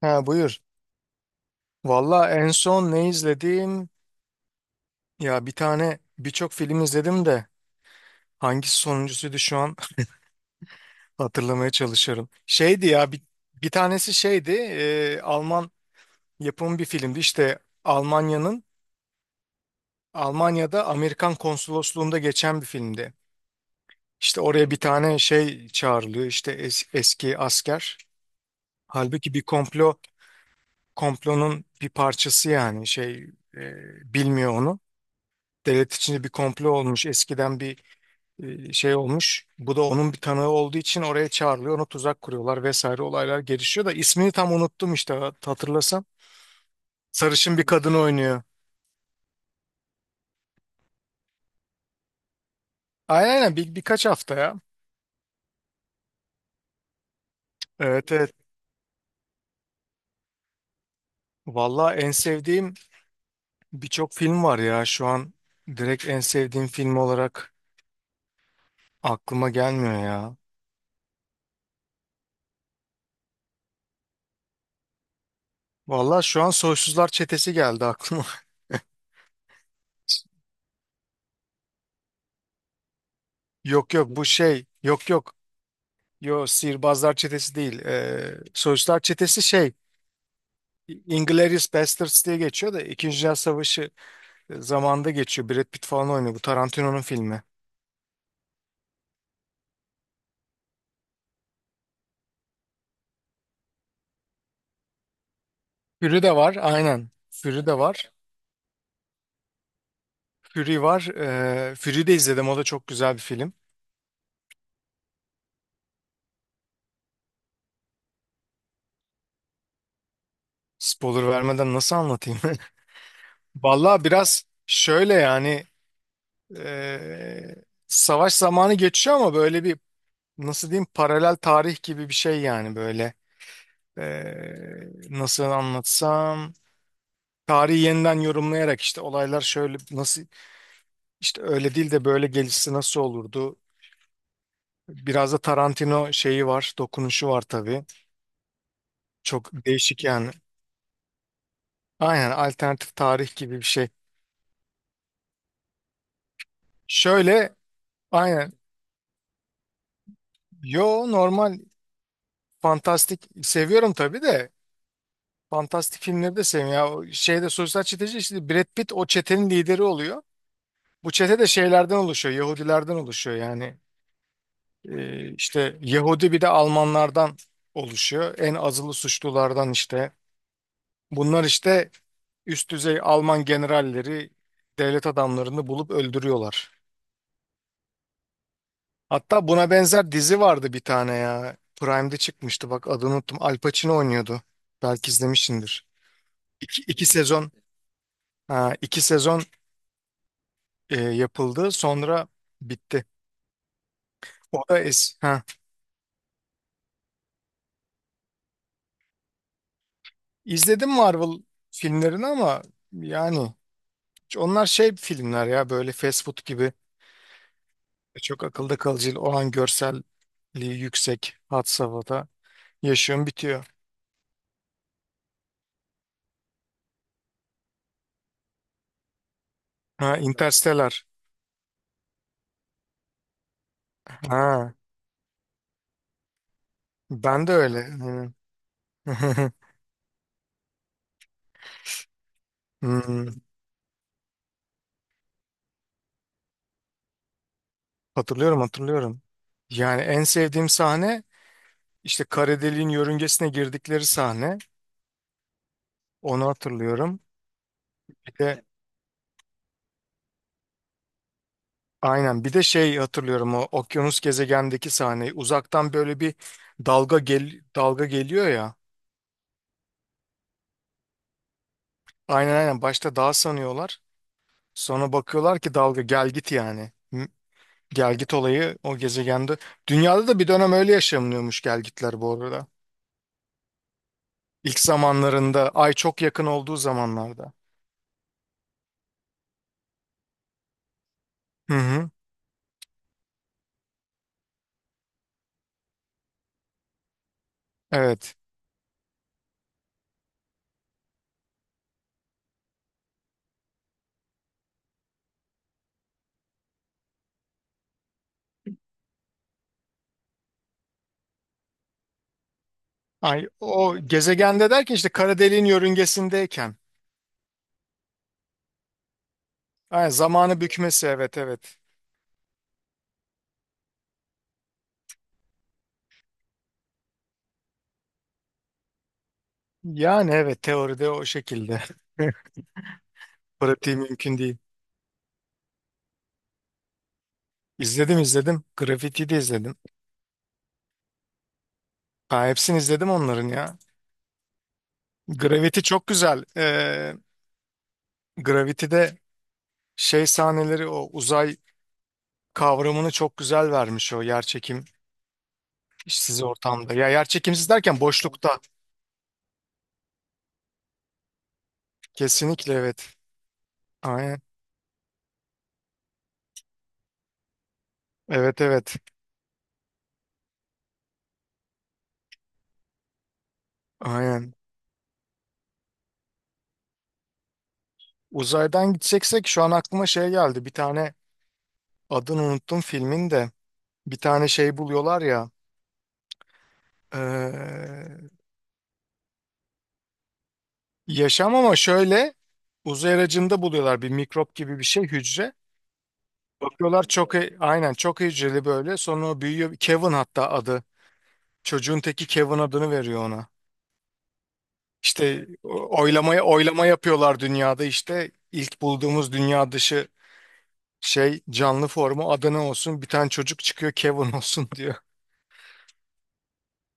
Ha buyur. Valla en son ne izledim? Ya bir tane birçok film izledim de hangisi sonuncusuydu şu an hatırlamaya çalışıyorum. Şeydi ya bir tanesi şeydi Alman yapımı bir filmdi. İşte Almanya'da Amerikan konsolosluğunda geçen bir filmdi. İşte oraya bir tane şey çağrılıyor, işte eski asker. Halbuki bir komplonun bir parçası, yani şey, e, bilmiyor onu. Devlet içinde bir komplo olmuş eskiden, bir şey olmuş. Bu da onun bir tanığı olduğu için oraya çağrılıyor. Onu tuzak kuruyorlar vesaire, olaylar gelişiyor da ismini tam unuttum işte, hatırlasam. Sarışın bir kadın oynuyor. Aynen aynen, birkaç hafta ya. Evet evet. Valla en sevdiğim birçok film var ya, şu an direkt en sevdiğim film olarak aklıma gelmiyor ya. Valla şu an Soysuzlar Çetesi geldi aklıma. Yok yok, bu şey, yok yok. Yo, Sihirbazlar Çetesi değil. Soysuzlar Çetesi şey, Inglourious Basterds diye geçiyor da, İkinci Dünya Savaşı zamanında geçiyor. Brad Pitt falan oynuyor. Bu Tarantino'nun filmi. Fury de var aynen. Fury de var. Fury var. Fury de izledim. O da çok güzel bir film. Spoiler vermeden nasıl anlatayım? Vallahi biraz şöyle yani, ee, savaş zamanı geçiyor ama böyle bir, nasıl diyeyim, paralel tarih gibi bir şey yani böyle. Ee, Nasıl anlatsam, tarihi yeniden yorumlayarak, işte olaylar şöyle nasıl, İşte öyle değil de böyle gelişse nasıl olurdu? Biraz da Tarantino şeyi var, dokunuşu var tabii. Çok değişik yani. Aynen, alternatif tarih gibi bir şey. Şöyle, aynen. Yo, normal fantastik seviyorum tabii de, fantastik filmleri de seviyorum. Ya o şeyde sosyal çeteci, işte Brad Pitt o çetenin lideri oluyor. Bu çete de şeylerden oluşuyor, Yahudilerden oluşuyor yani. İşte Yahudi, bir de Almanlardan oluşuyor. En azılı suçlulardan işte. Bunlar işte üst düzey Alman generalleri, devlet adamlarını bulup öldürüyorlar. Hatta buna benzer dizi vardı bir tane ya. Prime'de çıkmıştı, bak adını unuttum. Al Pacino oynuyordu. Belki izlemişsindir. İki, iki sezon iki sezon yapıldı sonra bitti. O da es ha. İzledim, Marvel filmlerini, ama yani onlar şey filmler ya, böyle fast food gibi, çok akılda kalıcı olan, görselliği yüksek, had safhada yaşıyorum, bitiyor. Ha, Interstellar. Ha, ben de öyle. Hı. Hmm. Hatırlıyorum hatırlıyorum. Yani en sevdiğim sahne işte kara deliğin yörüngesine girdikleri sahne. Onu hatırlıyorum. Bir de, aynen, bir de şey hatırlıyorum, o okyanus gezegendeki sahneyi. Uzaktan böyle bir dalga geliyor ya. Aynen aynen, başta dağ sanıyorlar. Sonra bakıyorlar ki dalga gel git yani. Hı. Gel git olayı o gezegende. Dünyada da bir dönem öyle yaşanıyormuş gel gitler, bu arada. İlk zamanlarında, ay çok yakın olduğu zamanlarda. Hı hı. Evet. Ay o gezegende derken, işte kara deliğin yörüngesindeyken. Ay, zamanı bükmesi, evet evet. Yani evet, teoride o şekilde. Pratiği mümkün değil. İzledim izledim. Gravity'yi de izledim. Ha, hepsini izledim onların ya. Gravity çok güzel. Gravity'de şey sahneleri, o uzay kavramını çok güzel vermiş, o yerçekim işsiz ortamda. Ya yerçekimsiz derken, boşlukta. Kesinlikle evet. Aynen. Evet evet. Aynen. Uzaydan gideceksek şu an aklıma şey geldi. Bir tane adını unuttum filmin de. Bir tane şey buluyorlar ya. eee, yaşam, ama şöyle, uzay aracında buluyorlar, bir mikrop gibi bir şey, hücre. Bakıyorlar çok aynen çok hücreli böyle. Sonra o büyüyor. Kevin hatta adı. Çocuğun teki Kevin adını veriyor ona. İşte oylama yapıyorlar dünyada, işte ilk bulduğumuz dünya dışı şey canlı formu Adana olsun, bir tane çocuk çıkıyor Kevin olsun diyor.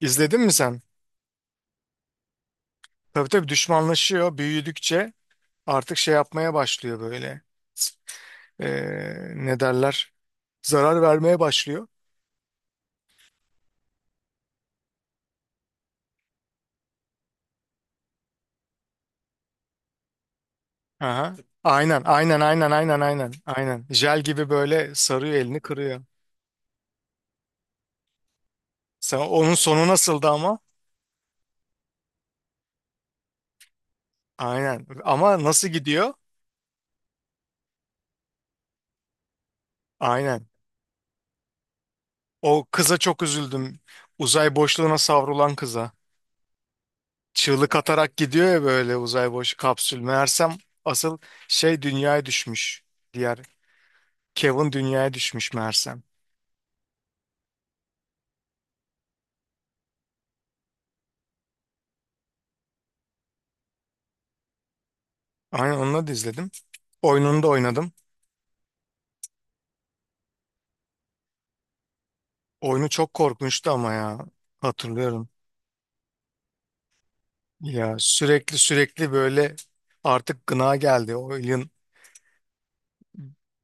İzledin mi sen? Tabii tabii düşmanlaşıyor, büyüdükçe artık şey yapmaya başlıyor böyle. Ne derler? Zarar vermeye başlıyor. Aha. Aynen aynen aynen aynen aynen aynen. Jel gibi böyle sarıyor, elini kırıyor. Sen onun sonu nasıldı ama? Aynen. Ama nasıl gidiyor? Aynen. O kıza çok üzüldüm. Uzay boşluğuna savrulan kıza. Çığlık atarak gidiyor ya, böyle uzay boş kapsül. Meğersem asıl şey dünyaya düşmüş. Diğer Kevin dünyaya düşmüş meğersem. Aynen, onunla da izledim. Oyununu da oynadım. Oyunu çok korkunçtu ama ya. Hatırlıyorum. Ya sürekli sürekli böyle artık gına geldi. Oyun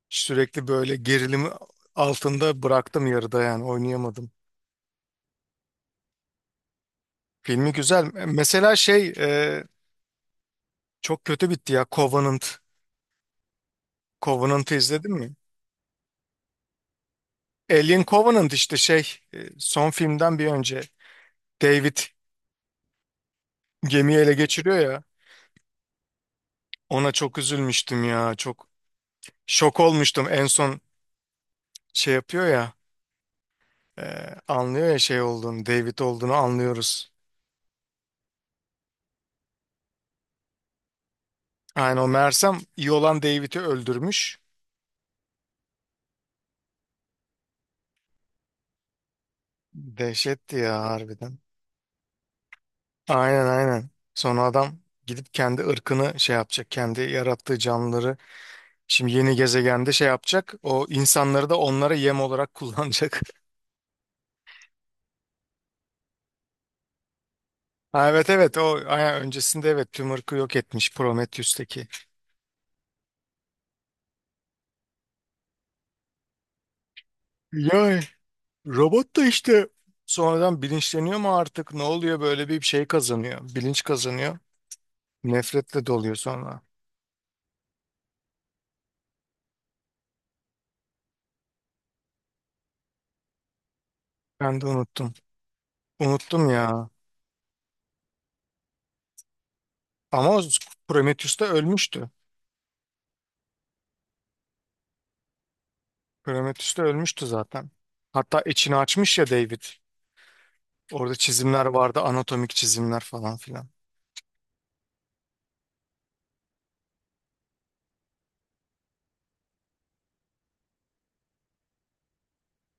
sürekli böyle gerilimi altında bıraktım yarıda, yani oynayamadım. Filmi güzel. Mesela şey, çok kötü bitti ya Covenant. Covenant'ı izledin mi? Alien Covenant işte şey, son filmden bir önce David gemiyi ele geçiriyor ya, ona çok üzülmüştüm ya, çok şok olmuştum, en son şey yapıyor ya, anlıyor ya, şey olduğunu, David olduğunu anlıyoruz. Aynen, o Mersem iyi olan David'i öldürmüş. Dehşetti ya harbiden. Aynen aynen. Sonra adam gidip kendi ırkını şey yapacak. Kendi yarattığı canlıları şimdi yeni gezegende şey yapacak. O insanları da onlara yem olarak kullanacak. Ha, evet evet, o öncesinde, evet, Tümörk'ü yok etmiş Prometheus'taki. Ya robot da işte sonradan bilinçleniyor mu artık ne oluyor, böyle bir şey kazanıyor. Bilinç kazanıyor. Nefretle doluyor sonra. Ben de unuttum. Unuttum ya. Ama o Prometheus da ölmüştü. Prometheus da ölmüştü zaten. Hatta içini açmış ya David. Orada çizimler vardı, anatomik çizimler falan filan.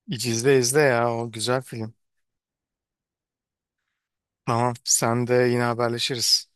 İzle izle ya, o güzel film. Tamam sen de, yine haberleşiriz.